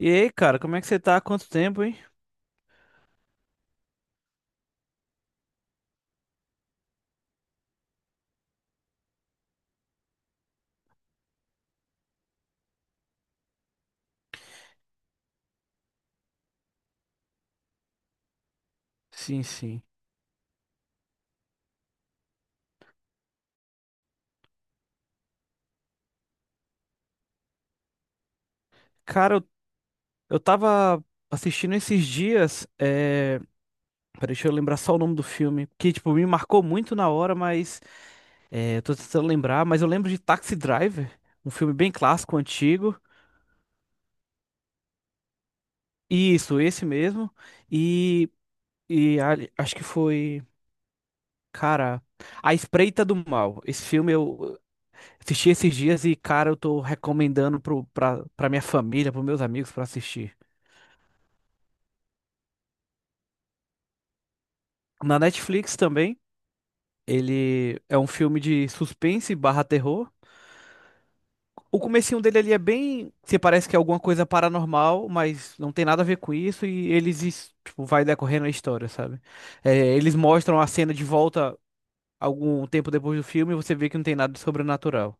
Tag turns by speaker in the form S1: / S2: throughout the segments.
S1: E aí, cara, como é que você tá? Há quanto tempo, hein? Sim, sim. Cara, eu tava assistindo esses dias. Peraí, deixa eu lembrar só o nome do filme. Que, tipo, me marcou muito na hora, mas. É, eu tô tentando lembrar, mas eu lembro de Taxi Driver, um filme bem clássico, antigo. E isso, esse mesmo. E. E acho que foi. Cara. A Espreita do Mal. Esse filme eu assisti esses dias e, cara, eu tô recomendando pra minha família, pros meus amigos pra assistir. Na Netflix também, ele é um filme de suspense barra terror. O comecinho dele ali é bem, se parece que é alguma coisa paranormal, mas não tem nada a ver com isso e eles, tipo, vai decorrendo a história, sabe? É, eles mostram a cena de volta algum tempo depois do filme e você vê que não tem nada de sobrenatural.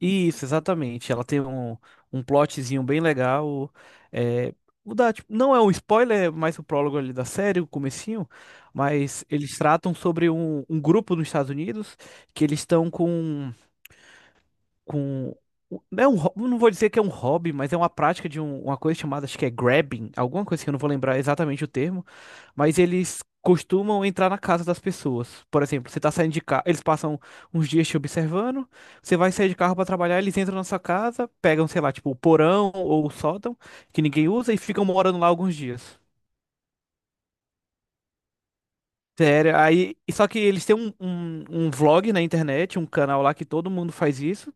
S1: Isso, exatamente. Ela tem um plotzinho bem legal. É, o tipo, não é um spoiler, é mais o prólogo ali da série, o comecinho, mas eles tratam sobre um grupo nos Estados Unidos que eles estão com com. É um, não vou dizer que é um hobby, mas é uma prática de uma coisa chamada, acho que é grabbing, alguma coisa que eu não vou lembrar exatamente o termo, mas eles costumam entrar na casa das pessoas. Por exemplo, você tá saindo de carro, eles passam uns dias te observando, você vai sair de carro para trabalhar, eles entram na sua casa, pegam, sei lá, tipo, o porão ou o sótão, que ninguém usa, e ficam morando lá alguns dias. Sério, aí. E só que eles têm um vlog na internet, um canal lá que todo mundo faz isso.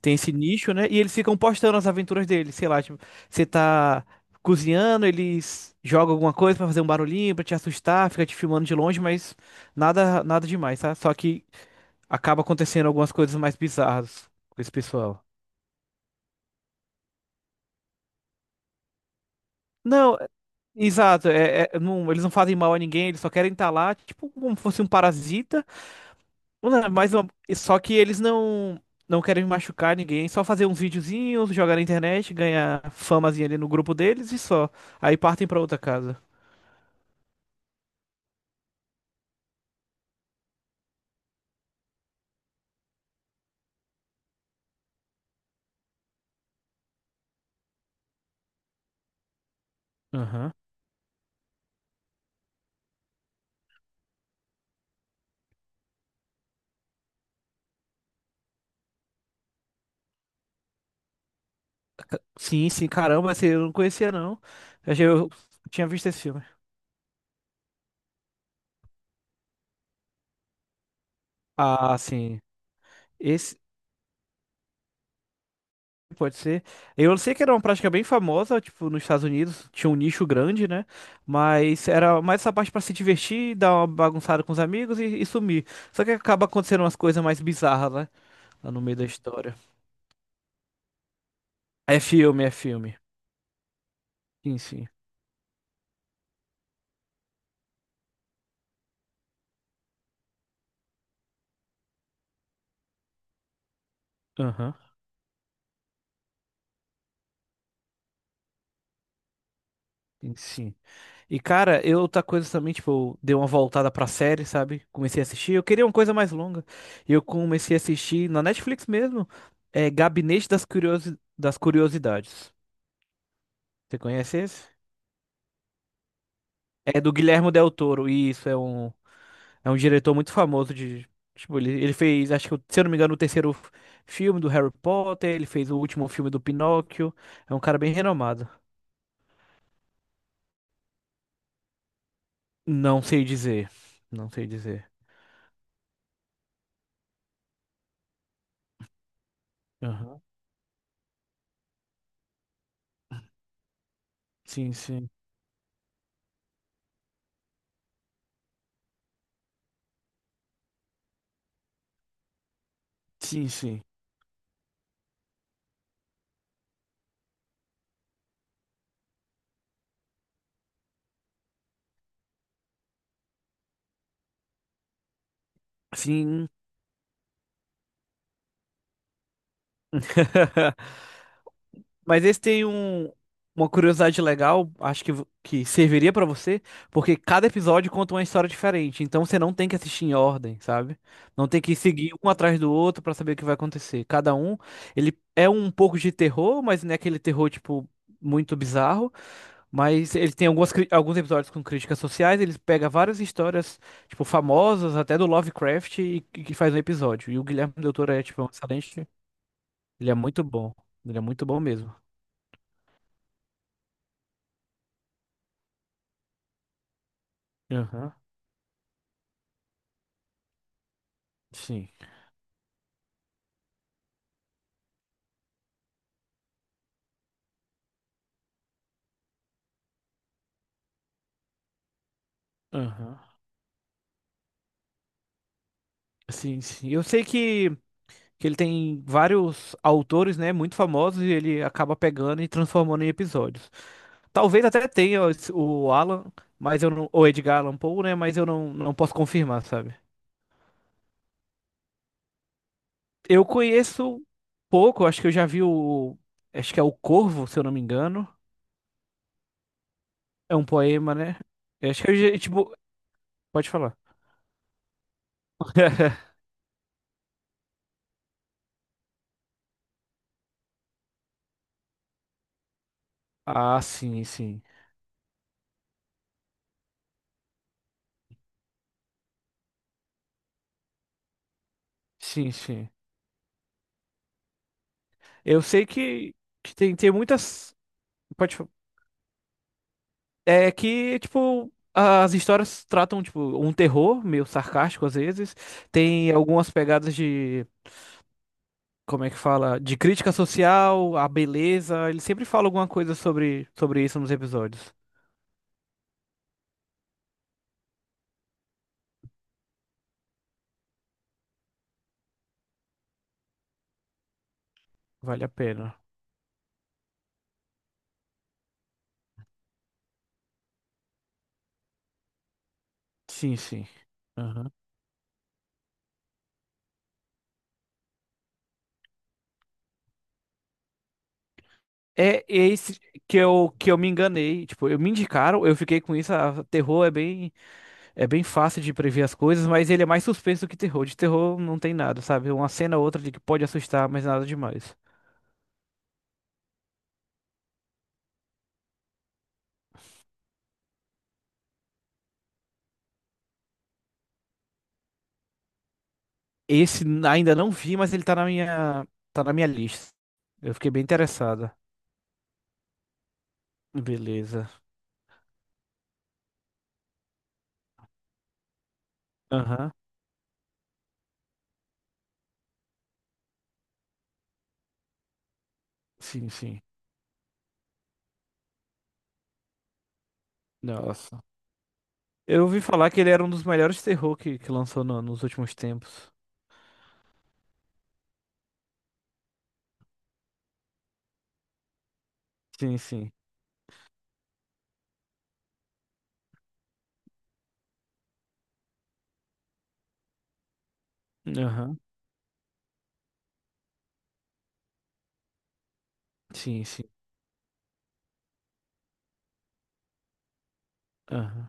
S1: Tem esse nicho, né? E eles ficam postando as aventuras deles, sei lá, tipo, você tá cozinhando, eles jogam alguma coisa pra fazer um barulhinho, pra te assustar, fica te filmando de longe, mas nada demais, tá? Só que acaba acontecendo algumas coisas mais bizarras com esse pessoal. Não, exato, eles não fazem mal a ninguém, eles só querem estar lá, tipo, como se fosse um parasita. Não, é mais uma... Só que eles não querem machucar ninguém, só fazer uns videozinhos, jogar na internet, ganhar famazinha ali no grupo deles e só. Aí partem pra outra casa. Aham. Sim, sim, caramba, esse eu não conhecia não. Eu tinha visto esse filme. Ah, sim. Esse pode ser. Eu sei que era uma prática bem famosa, tipo, nos Estados Unidos, tinha um nicho grande, né? Mas era mais essa parte pra se divertir, dar uma bagunçada com os amigos e sumir. Só que acaba acontecendo umas coisas mais bizarras, né? Tá no meio da história. É filme, é filme. Sim, sim. Aham. Sim, sim. E, cara, eu outra coisa também, tipo, eu dei uma voltada pra série, sabe? Comecei a assistir. Eu queria uma coisa mais longa. E eu comecei a assistir na Netflix mesmo. É Gabinete das Curiosi... das Curiosidades. Você conhece esse? É do Guilherme Del Toro. E isso é é um diretor muito famoso de. Tipo, ele fez, acho que, se eu não me engano, o terceiro filme do Harry Potter. Ele fez o último filme do Pinóquio. É um cara bem renomado. Não sei dizer. Não sei dizer. Aham. Sim, sim. Sim, sim. Sim. Mas esse tem um, uma curiosidade legal, acho que, que serviria pra você, porque cada episódio conta uma história diferente, então você não tem que assistir em ordem, sabe? Não tem que seguir um atrás do outro pra saber o que vai acontecer. Cada um, ele é um pouco de terror, mas não é aquele terror, tipo, muito bizarro. Mas ele tem alguns episódios com críticas sociais, ele pega várias histórias, tipo, famosas, até do Lovecraft, e que faz um episódio. E o Guilherme Del Toro é, tipo, um excelente. Ele é muito bom. Ele é muito bom mesmo. Aham. Sim. Aham. Sim, sim. Eu sei que ele tem vários autores, né, muito famosos e ele acaba pegando e transformando em episódios. Talvez até tenha o Alan, mas eu não, ou Edgar Allan Poe, né, mas eu não, não posso confirmar, sabe? Eu conheço pouco, acho que eu já vi o, acho que é o Corvo, se eu não me engano. É um poema, né? Eu acho que eu, tipo, pode falar. Ah, sim, sim. Sim, sim. Eu sei que tem, tem muitas. Pode. É que, tipo, as histórias tratam, tipo, um terror meio sarcástico às vezes. Tem algumas pegadas de, como é que fala? De crítica social, a beleza. Ele sempre fala alguma coisa sobre, sobre isso nos episódios. Vale a pena. Sim, sim. Aham. É esse que eu me enganei. Tipo, eu me indicaram, eu fiquei com isso. Ah, terror é bem fácil de prever as coisas, mas ele é mais suspenso do que terror. De terror não tem nada, sabe? Uma cena ou outra de que pode assustar, mas nada demais. Esse ainda não vi, mas ele tá na minha lista. Eu fiquei bem interessada. Beleza. Aham. Sim, sim. Nossa. Eu ouvi falar que ele era um dos melhores terror que lançou nos últimos tempos. Sim, sim. Aham. Sim, sim. Aham.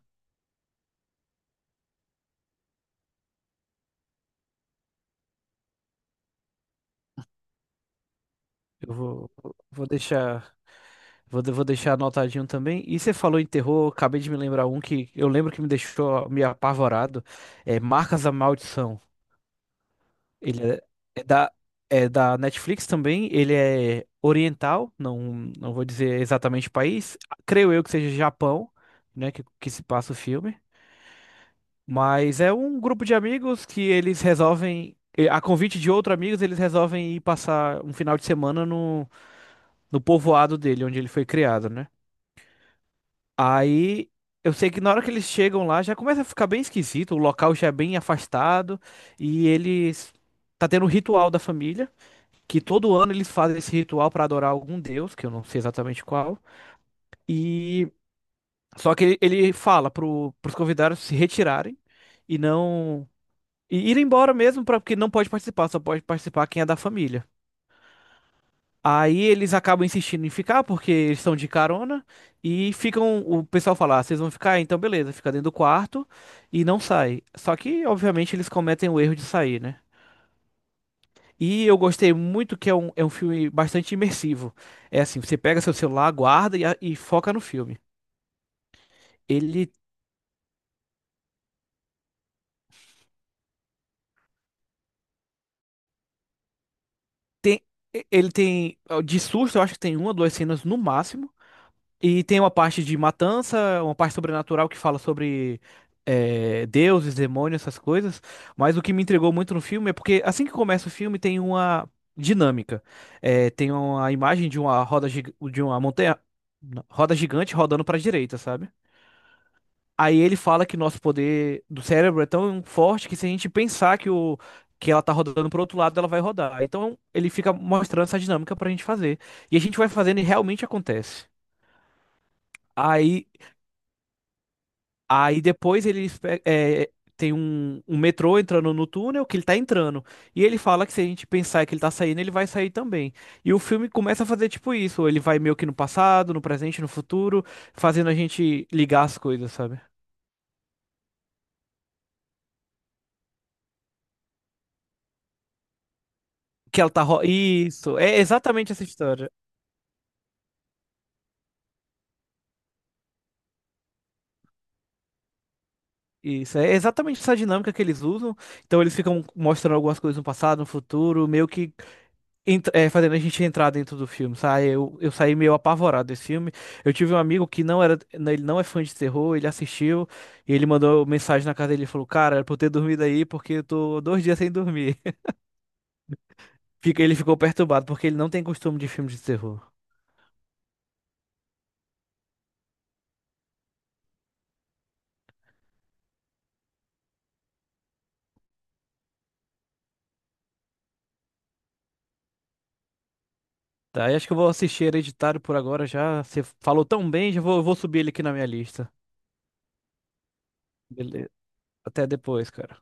S1: Eu vou deixar, vou, vou deixar anotadinho também. E você falou em terror, acabei de me lembrar um que eu lembro que me deixou me apavorado. É Marcas da Maldição. Ele é da, é da Netflix também. Ele é oriental, não, não vou dizer exatamente o país. Creio eu que seja Japão, né, que se passa o filme. Mas é um grupo de amigos que eles resolvem, eh, a convite de outros amigos, eles resolvem ir passar um final de semana no, no povoado dele, onde ele foi criado, né? Aí eu sei que na hora que eles chegam lá já começa a ficar bem esquisito, o local já é bem afastado e eles tá tendo um ritual da família, que todo ano eles fazem esse ritual para adorar algum deus, que eu não sei exatamente qual. E só que ele fala pros convidados se retirarem e não e ir embora mesmo, pra, porque não pode participar, só pode participar quem é da família. Aí eles acabam insistindo em ficar porque eles estão de carona e ficam o pessoal fala, ah, vocês vão ficar, então beleza, fica dentro do quarto e não sai. Só que obviamente eles cometem o erro de sair, né? E eu gostei muito que é é um filme bastante imersivo. É assim, você pega seu celular, guarda e foca no filme. Ele tem, ele tem, ó, de susto, eu acho que tem uma, ou duas cenas no máximo. E tem uma parte de matança, uma parte sobrenatural que fala sobre é, deuses, demônios, essas coisas. Mas o que me entregou muito no filme é porque assim que começa o filme tem uma dinâmica. É, tem uma imagem de uma de uma montanha, roda gigante rodando para a direita, sabe? Aí ele fala que nosso poder do cérebro é tão forte que se a gente pensar que ela tá rodando pro outro lado, ela vai rodar. Então ele fica mostrando essa dinâmica pra gente fazer. E a gente vai fazendo e realmente acontece. Aí, aí depois ele tem um metrô entrando no túnel que ele tá entrando. E ele fala que se a gente pensar que ele tá saindo, ele vai sair também. E o filme começa a fazer tipo isso. Ele vai meio que no passado, no presente, no futuro, fazendo a gente ligar as coisas, sabe? Que ela tá. Isso, é exatamente essa história. Isso, é exatamente essa dinâmica que eles usam. Então eles ficam mostrando algumas coisas no passado, no futuro, meio que fazendo a gente entrar dentro do filme, sabe? Eu saí meio apavorado desse filme. Eu tive um amigo que não era, né, ele não é fã de terror, ele assistiu e ele mandou mensagem na casa dele e falou: Cara, era pra eu ter dormido aí porque eu tô 2 dias sem dormir. Ele ficou perturbado porque ele não tem costume de filme de terror. Tá, e acho que eu vou assistir Hereditário por agora já. Você falou tão bem, já vou subir ele aqui na minha lista. Beleza. Até depois, cara.